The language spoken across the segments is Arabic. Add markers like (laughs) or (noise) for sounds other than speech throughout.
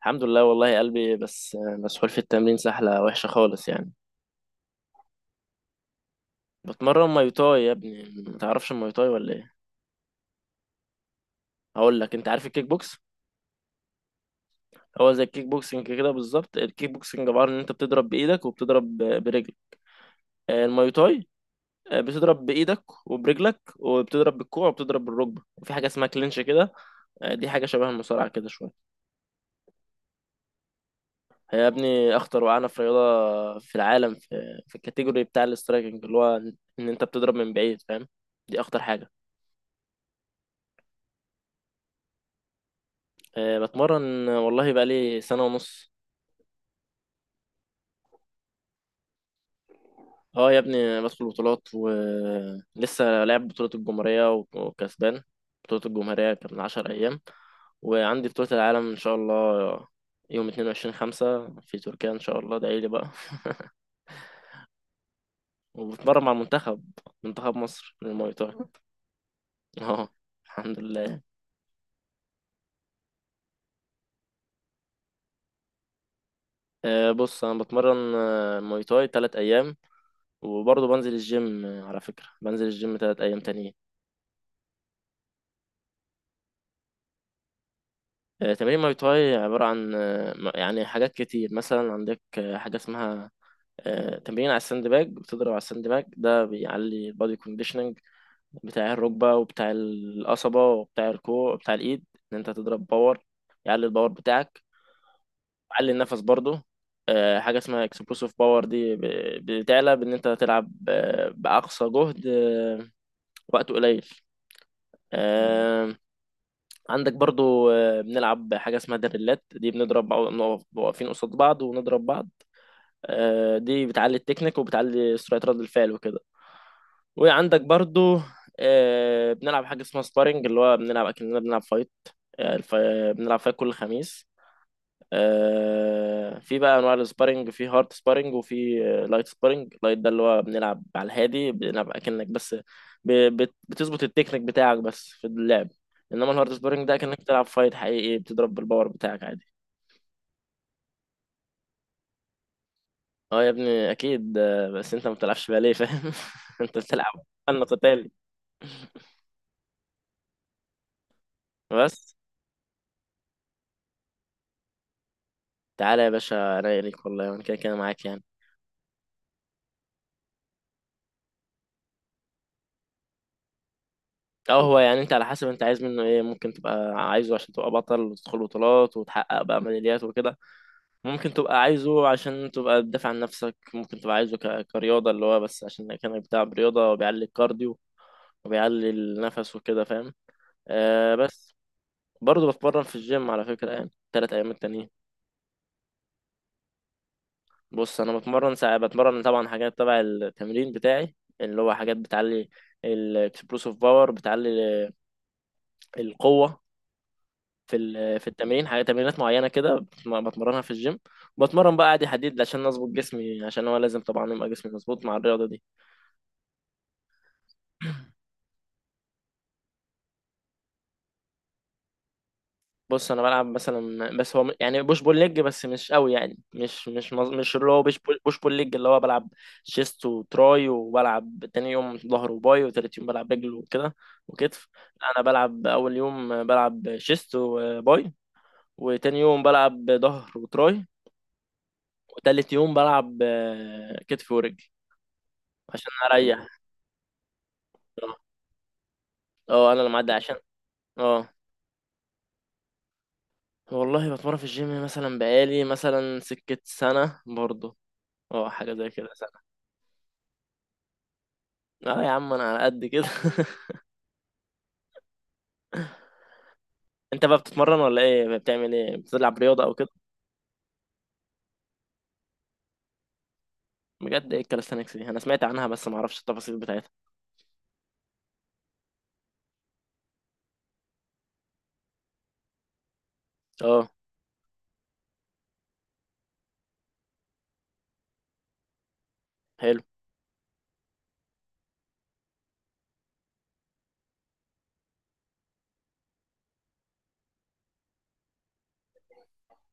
الحمد لله، والله قلبي بس مسحول في التمرين سحلة وحشة خالص يعني. بتمرن ماي تاي يا ابني. ما تعرفش الماي تاي ولا ايه؟ هقول لك، انت عارف الكيك بوكس؟ هو زي الكيك بوكسنج كده بالظبط. الكيك بوكسنج عبارة ان انت بتضرب بايدك وبتضرب برجلك. الماي تاي، بتضرب بايدك وبرجلك وبتضرب بالكوع وبتضرب بالركبة وفي حاجة اسمها كلينش كده. دي حاجة شبه المصارعة كده شوية. هي يا ابني اخطر وعنف رياضة في العالم، في الكاتيجوري بتاع الاسترايكنج اللي هو ان انت بتضرب من بعيد، فاهم؟ دي اخطر حاجة. أه بتمرن، والله بقالي سنة ونص. اه يا ابني بدخل بطولات ولسه لاعب بطولة الجمهورية وكسبان. بطولة الجمهورية كان من 10 أيام، وعندي بطولة العالم إن شاء الله يوم 22/5 في تركيا إن شاء الله. ادعيلي بقى. (laughs) وبتمرن مع المنتخب، منتخب مصر للمواي تاي. (laughs) اه. الحمد لله. أه بص، أنا بتمرن مواي تاي 3 أيام، وبرضه بنزل الجيم. على فكرة بنزل الجيم 3 أيام تانيين. تمارين ماي تاي عبارة عن يعني حاجات كتير. مثلا عندك حاجة اسمها تمرين على الساند باج. بتضرب على الساند باج ده بيعلي البادي كونديشننج بتاع الركبة وبتاع القصبة وبتاع الكوع وبتاع الإيد، إن أنت تضرب باور. يعلي الباور بتاعك، يعلي النفس برضه. حاجة اسمها اكسبلوسيف باور، دي بتعلى بإن أنت تلعب بأقصى جهد وقت قليل. عندك برضو بنلعب حاجة اسمها دريلات، دي بنضرب بعض، بنقف واقفين قصاد بعض ونضرب بعض. دي بتعلي التكنيك وبتعلي سرعة رد الفعل وكده. وعندك برضو بنلعب حاجة اسمها سبارينج، اللي هو بنلعب أكننا بنلعب فايت. آه، الف- بنلعب فايت كل خميس. في بقى انواع السبارينج، في هارد سبارينج وفي لايت سبارينج. لايت ده اللي هو بنلعب على الهادي، بنلعب اكنك بس بتظبط التكنيك بتاعك بس في اللعب. انما الهارد سبارينج ده اكنك بتلعب فايت حقيقي، بتضرب بالباور بتاعك عادي. اه يا ابني اكيد، بس انت ما بتلعبش باليه فاهم. (laughs) انت بتلعب فن قتالي بس. تعالى يا باشا، انا إيه ليك؟ والله انا كده كده معاك يعني. اه هو يعني انت على حسب انت عايز منه ايه. ممكن تبقى عايزه عشان تبقى بطل وتدخل بطولات وتحقق بقى ميداليات وكده. ممكن تبقى عايزه عشان تبقى بتدافع عن نفسك. ممكن تبقى عايزه كرياضة، اللي هو بس عشان كانك بتاع رياضة وبيعلي الكارديو وبيعلي النفس وكده فاهم. آه بس، برضه بتمرن في الجيم على فكرة يعني 3 أيام التانيين. بص أنا بتمرن ساعة. بتمرن طبعا حاجات تبع التمرين بتاعي، اللي هو حاجات بتعلي الاكسبلوسيف باور، بتعلي القوة. في في التمرين حاجة، تمرينات معينة كده بتمرنها في الجيم. بتمرن بقى عادي حديد عشان أظبط جسمي، عشان هو لازم طبعا يبقى جسمي مظبوط مع الرياضة دي. بص انا بلعب مثلا، بس هو يعني بوش بول ليج، بس مش قوي يعني، مش اللي هو بوش بول ليج اللي هو بلعب شيست وتراي، وبلعب تاني يوم ظهر وباي، وتالت يوم بلعب رجل وكده، وكتف. لا، انا بلعب اول يوم بلعب شيست وباي، وتاني يوم بلعب ظهر وتراي، وتالت يوم بلعب كتف ورجل عشان اريح. اه، انا اللي معدي عشان. اه والله بتمرن في الجيم مثلا بقالي مثلا سكة سنة برضه. اه حاجة زي كده. اه يا عم انا على قد كده. (laughs) انت بقى بتتمرن ولا ايه؟ بتعمل ايه؟ بتلعب رياضه او كده؟ بجد؟ ايه الكاليستانكس دي؟ انا سمعت عنها بس ما اعرفش التفاصيل بتاعتها. اه. حلو.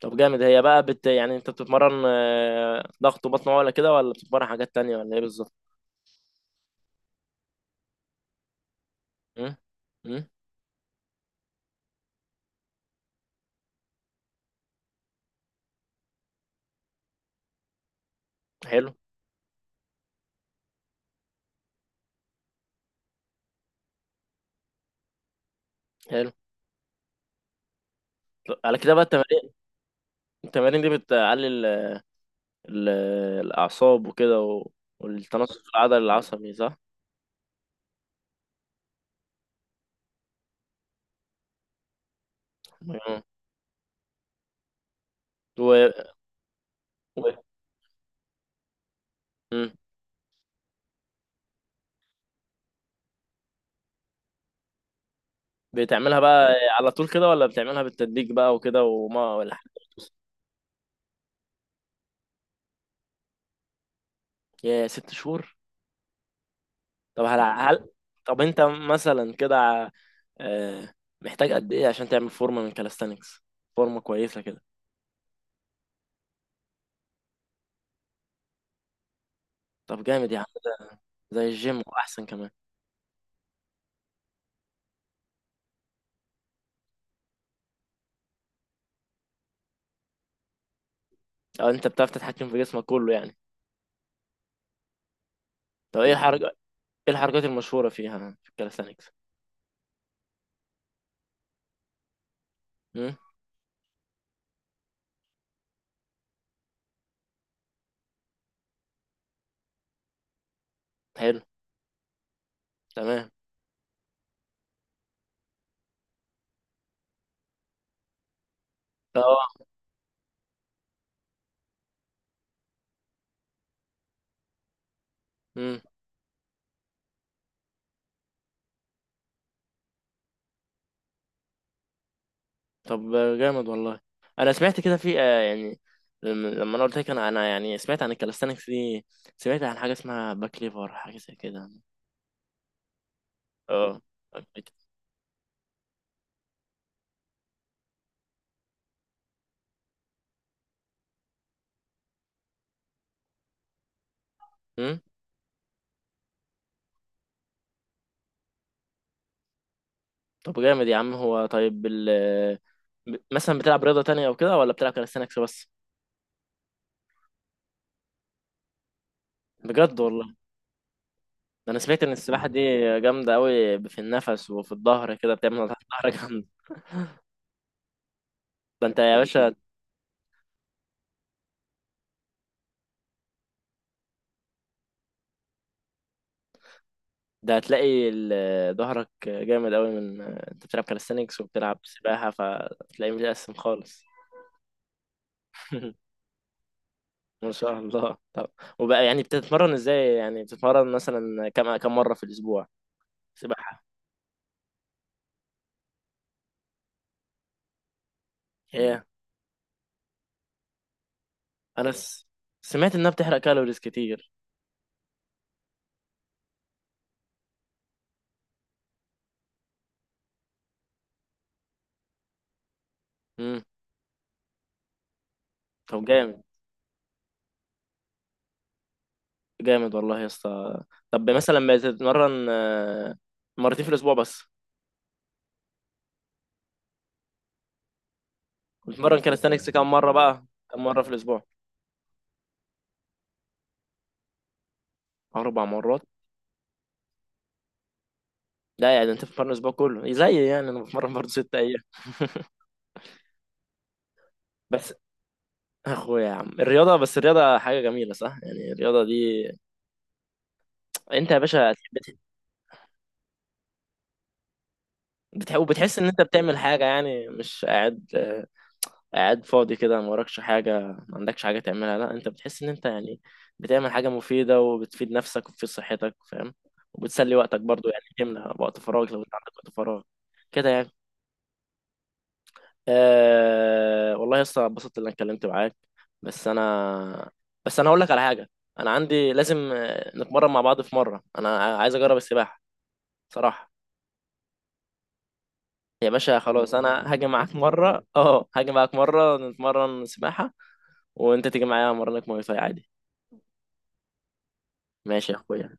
طب جامد. هي بقى يعني انت بتتمرن ضغط وبطن ولا كده، ولا بتتمرن حاجات تانية ولا ايه بالظبط؟ امم. امم. حلو. حلو. طب على كده بقى التمارين، التمارين دي بتقلل ال- الاعصاب وكده والتناسق في العضل العصبي، صح؟ امم. و... و... مم. بتعملها بقى على طول كده ولا بتعملها بالتدريج بقى وكده وما ولا حاجة؟ يا ست شهور. طب هل, هل طب انت مثلا كده آه، محتاج قد ايه عشان تعمل فورمة من كالستانكس، فورمة كويسة كده؟ طب جامد يا عم. زي الجيم واحسن كمان. او انت بتعرف تتحكم في جسمك كله يعني. طب ايه الحركة، ايه الحركات المشهورة فيها في الكالستانكس؟ امم. حلو. تمام. اه. طب جامد والله. انا سمعت كده في يعني، لما انا قلت لك انا يعني سمعت عن الكالستانكس دي، سمعت عن حاجه اسمها باك ليفر، حاجه زي كده. اه. أمم؟ طب جامد يا عم. هو طيب ال مثلا بتلعب رياضه تانية او كده ولا بتلعب كالستانكس بس؟ بجد والله. ده انا سمعت ان السباحه دي جامده قوي في النفس وفي الظهر كده، بتعمل تحت الظهر جامد. ده انت يا باشا. ده هتلاقي ظهرك جامد قوي من انت بتلعب كاليستانكس وبتلعب سباحة، فتلاقيه متقسم خالص. (laughs) ما شاء الله. طب وبقى يعني بتتمرن ازاي؟ يعني بتتمرن مثلا كم مرة في الأسبوع؟ سباحة؟ ايه؟ انا س... سمعت انها بتحرق كالوريز كتير. امم. طب جامد. جامد والله يا اسطى. طب مثلا بتتمرن مرتين في الأسبوع بس؟ بتتمرن كاليستانكس كم مرة بقى، كم مرة في الأسبوع؟ 4 مرات. لا يعني أنت بتتمرن الأسبوع كله، زي يعني أنا بتمرن برضه 6 أيام. بس اخويا يا عم الرياضه، بس الرياضه حاجه جميله صح؟ يعني الرياضه دي. انت يا باشا بتحس ان انت بتعمل حاجه يعني، مش قاعد قاعد فاضي كده، ما وراكش حاجه، ما عندكش حاجه تعملها. لا، انت بتحس ان انت يعني بتعمل حاجه مفيده وبتفيد نفسك وبتفيد صحتك فاهم. وبتسلي وقتك برضو، يعني تملى وقت فراغك لو انت عندك وقت فراغ كده يعني. أه والله يا اسطى، اتبسطت ان انا اتكلمت معاك. بس انا، بس انا هقول لك على حاجه، انا عندي لازم نتمرن مع بعض. في مره انا عايز اجرب السباحه صراحه. يا باشا خلاص، انا هاجي معاك مره. (laughs) اه هاجي معاك مره نتمرن سباحه، وانت تيجي معايا امرنك مواي فاي عادي. ماشي يا اخويا.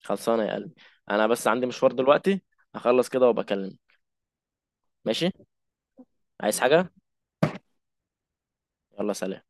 خلصانه يا قلبي. انا بس عندي مشوار دلوقتي، هخلص كده وبكلمك. ماشي. عايز حاجه؟ يلا سلام.